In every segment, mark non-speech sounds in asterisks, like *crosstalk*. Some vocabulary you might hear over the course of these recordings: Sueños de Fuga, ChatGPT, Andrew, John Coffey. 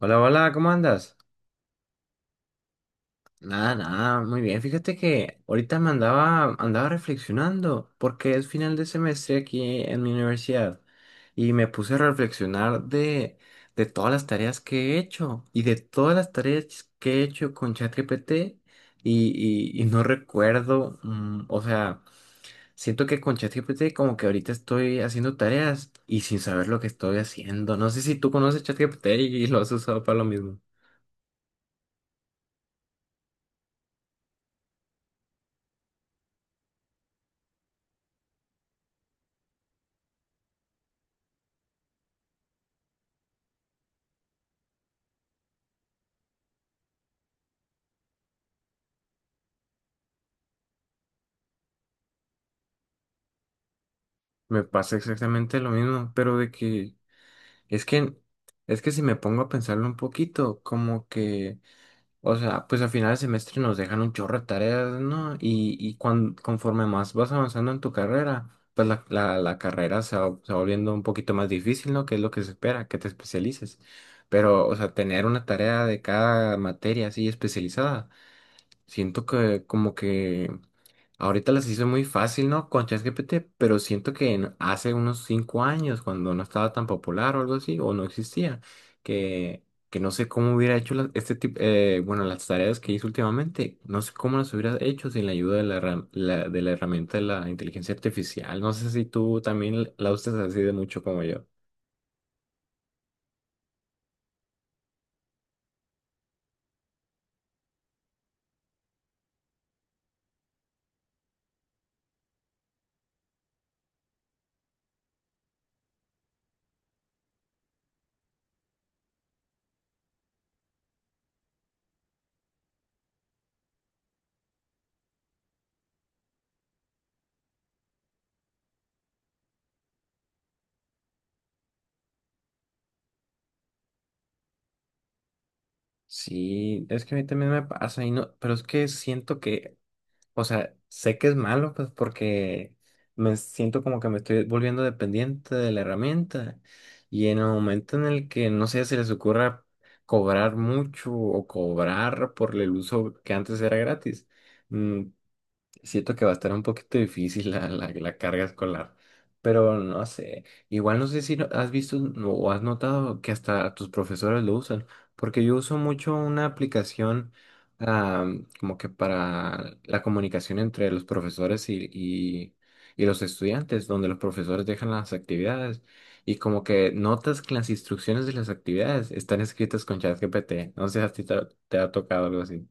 Hola, hola, ¿cómo andas? Nada, nada, muy bien. Fíjate que ahorita me andaba reflexionando porque es final de semestre aquí en mi universidad y me puse a reflexionar de todas las tareas que he hecho y de todas las tareas que he hecho con ChatGPT y no recuerdo, o sea, siento que con ChatGPT como que ahorita estoy haciendo tareas y sin saber lo que estoy haciendo. No sé si tú conoces ChatGPT y lo has usado para lo mismo. Me pasa exactamente lo mismo, pero de que es que es que si me pongo a pensarlo un poquito, como que, o sea, pues al final del semestre nos dejan un chorro de tareas, ¿no? Y cuan- conforme más vas avanzando en tu carrera, pues la carrera se va volviendo un poquito más difícil, ¿no? Que es lo que se espera, que te especialices. Pero, o sea, tener una tarea de cada materia así especializada, siento que como que ahorita las hizo muy fácil, ¿no? Con ChatGPT, pero siento que en- hace unos cinco años, cuando no estaba tan popular o algo así, o no existía, que, que no sé cómo hubiera hecho la- este tipo, bueno, las tareas que hizo últimamente, no sé cómo las hubiera hecho sin la ayuda de la, herram- la- de la herramienta de la inteligencia artificial. No sé si tú también la usas así de mucho como yo. Sí, es que a mí también me pasa y no, pero es que siento que o sea, sé que es malo, pues, porque me siento como que me estoy volviendo dependiente de la herramienta. Y en el momento en el que, no sé, se les ocurra cobrar mucho o cobrar por el uso que antes era gratis. mm, Siento que va a estar un poquito difícil la carga escolar, pero no sé, igual no sé si no- has visto no- o has notado que hasta tus profesores lo usan, porque yo uso mucho una aplicación ah, como que para la comunicación entre los profesores y los estudiantes, donde los profesores dejan las actividades y como que notas que las instrucciones de las actividades están escritas con ChatGPT, no sé si a ti te ha tocado algo así.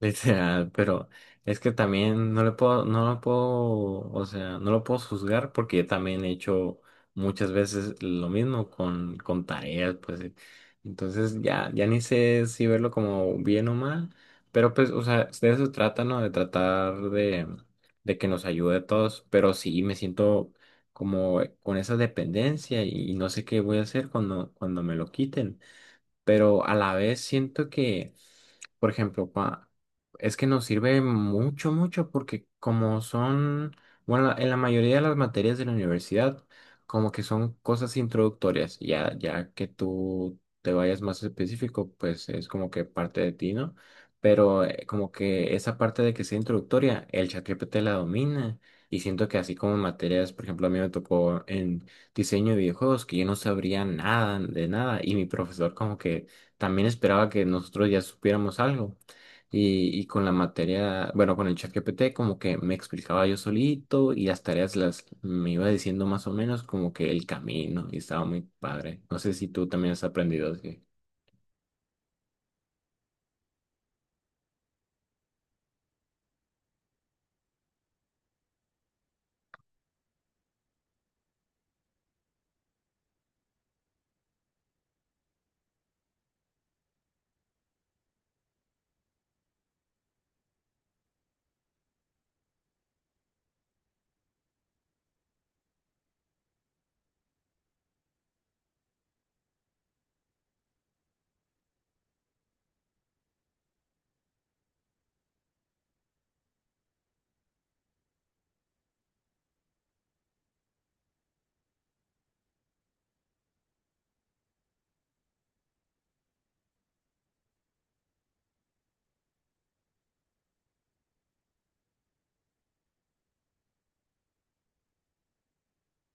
Literal, pero es que también no le puedo, no lo puedo, o sea, no lo puedo juzgar porque yo también he hecho muchas veces lo mismo con tareas, pues. Entonces ya, ya ni sé si verlo como bien o mal, pero pues, o sea, de eso se trata, ¿no? De tratar de que nos ayude a todos, pero sí me siento como con esa dependencia y no sé qué voy a hacer cuando, cuando me lo quiten, pero a la vez siento que, por ejemplo, cua- es que nos sirve mucho, mucho, porque como son, bueno, la- en la mayoría de las materias de la universidad, como que son cosas introductorias, ya, ya que tú te vayas más específico, pues es como que parte de ti, ¿no? Pero como que esa parte de que sea introductoria, el ChatGPT la domina. Y siento que así como en materias, por ejemplo, a mí me tocó diseño de videojuegos que yo no sabría nada de nada y mi profesor como que también esperaba que nosotros ya supiéramos algo. Y con la materia, bueno, con el ChatGPT como que me explicaba yo solito y las tareas las me iba diciendo más o menos como que el camino y estaba muy padre. No sé si tú también has aprendido así.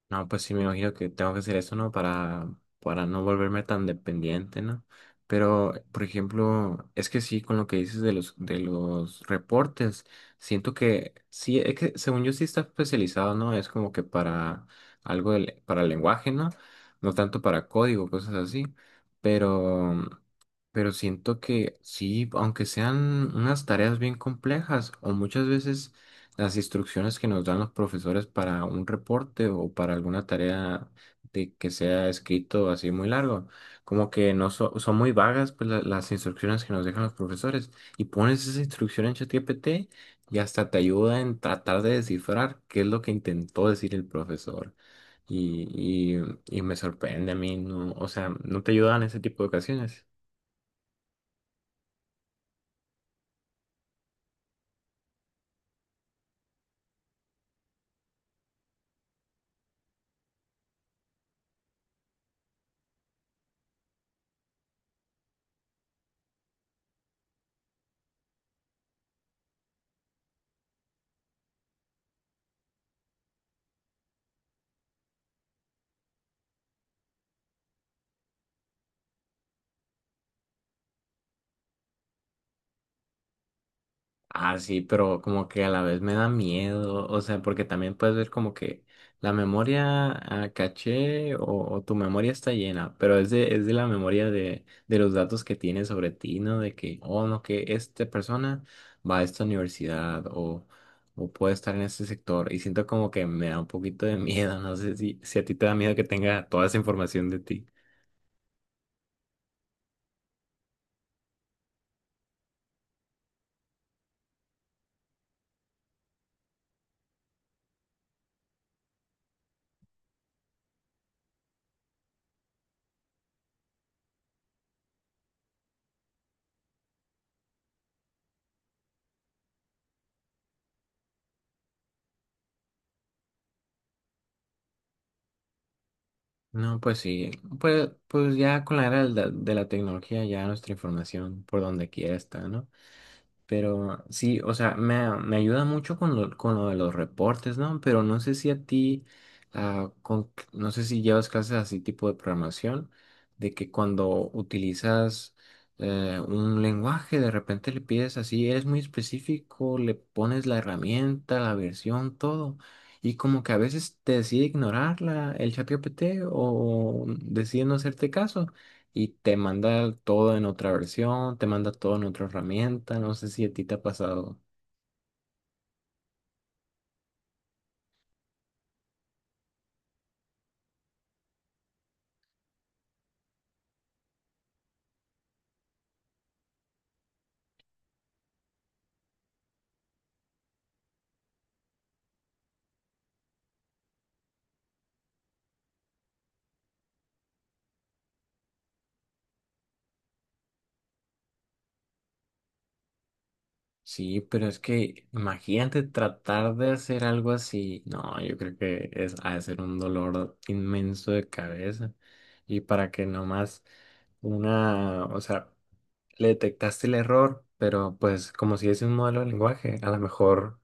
No, pues sí, me imagino que tengo que hacer eso, ¿no? Para no volverme tan dependiente, ¿no? Pero, por ejemplo, es que sí, con lo que dices de los reportes, siento que sí, es que según yo sí está especializado, ¿no? Es como que para algo del- para el lenguaje, ¿no? No tanto para código, cosas así. Pero, pero siento que sí, aunque sean unas tareas bien complejas, o muchas veces las instrucciones que nos dan los profesores para un reporte o para alguna tarea de que sea escrito así muy largo. Como que no so- son muy vagas pues, la- las instrucciones que nos dejan los profesores. Y pones esa instrucción en ChatGPT y hasta te ayuda en tratar de descifrar qué es lo que intentó decir el profesor. Y, y, y me sorprende a mí, no, o sea, no te ayudan en ese tipo de ocasiones. Ah, sí, pero como que a la vez me da miedo, o sea, porque también puedes ver como que la memoria caché o tu memoria está llena, pero es es de la memoria de los datos que tienes sobre ti, ¿no? De que, oh, no, que esta persona va a esta universidad o puede estar en este sector y siento como que me da un poquito de miedo, no sé si, si a ti te da miedo que tenga toda esa información de ti. No, pues sí, pues, pues ya con la era de la tecnología ya nuestra información por donde quiera está, ¿no? Pero sí, o sea, me, a- me ayuda mucho con lo de los reportes, ¿no? Pero no sé si a ti, no sé si llevas clases así tipo de programación, de que cuando utilizas un lenguaje, de repente le pides así, eres muy específico, le pones la herramienta, la versión, todo, y como que a veces te decide ignorarla, el chat GPT o decide no hacerte caso y te manda todo en otra versión, te manda todo en otra herramienta, no sé si a ti te ha pasado. Sí, pero es que imagínate tratar de hacer algo así. No, yo creo que es ha de ser un dolor inmenso de cabeza. Y para que nomás una, o sea, le detectaste el error, pero pues como si es un modelo de lenguaje,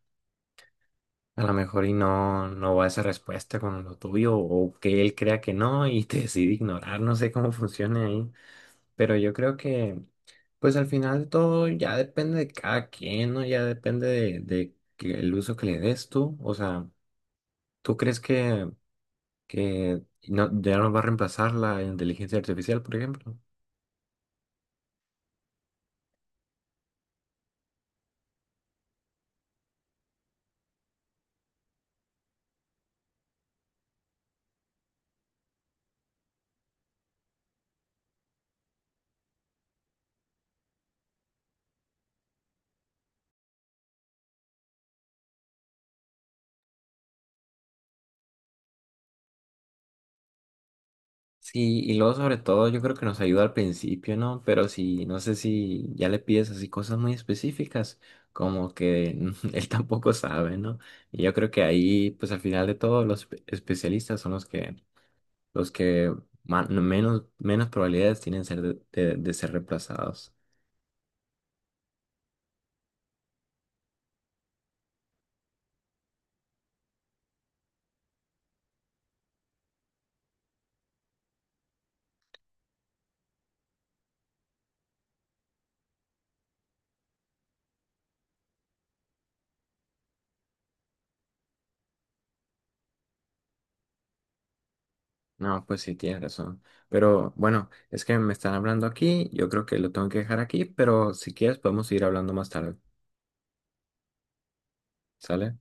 a lo mejor y no, no va esa respuesta con lo tuyo, o que él crea que no y *laughs* te decide ignorar, no sé cómo funciona ahí. Pero yo creo que, pues al final de todo ya depende de cada quien, ¿no? Ya depende de que el uso que le des tú. O sea, ¿tú crees que no, ya nos va a reemplazar la inteligencia artificial, por ejemplo? Sí, y luego sobre todo yo creo que nos ayuda al principio, ¿no? Pero si, no sé si ya le pides así cosas muy específicas, como que *laughs* él tampoco sabe, ¿no? Y yo creo que ahí, pues al final de todo, los espe- especialistas son los que los que ma- no, menos probabilidades tienen ser de ser reemplazados. No, pues sí, tienes razón. Pero bueno, es que me están hablando aquí, yo creo que lo tengo que dejar aquí, pero si quieres podemos seguir hablando más tarde, ¿sale?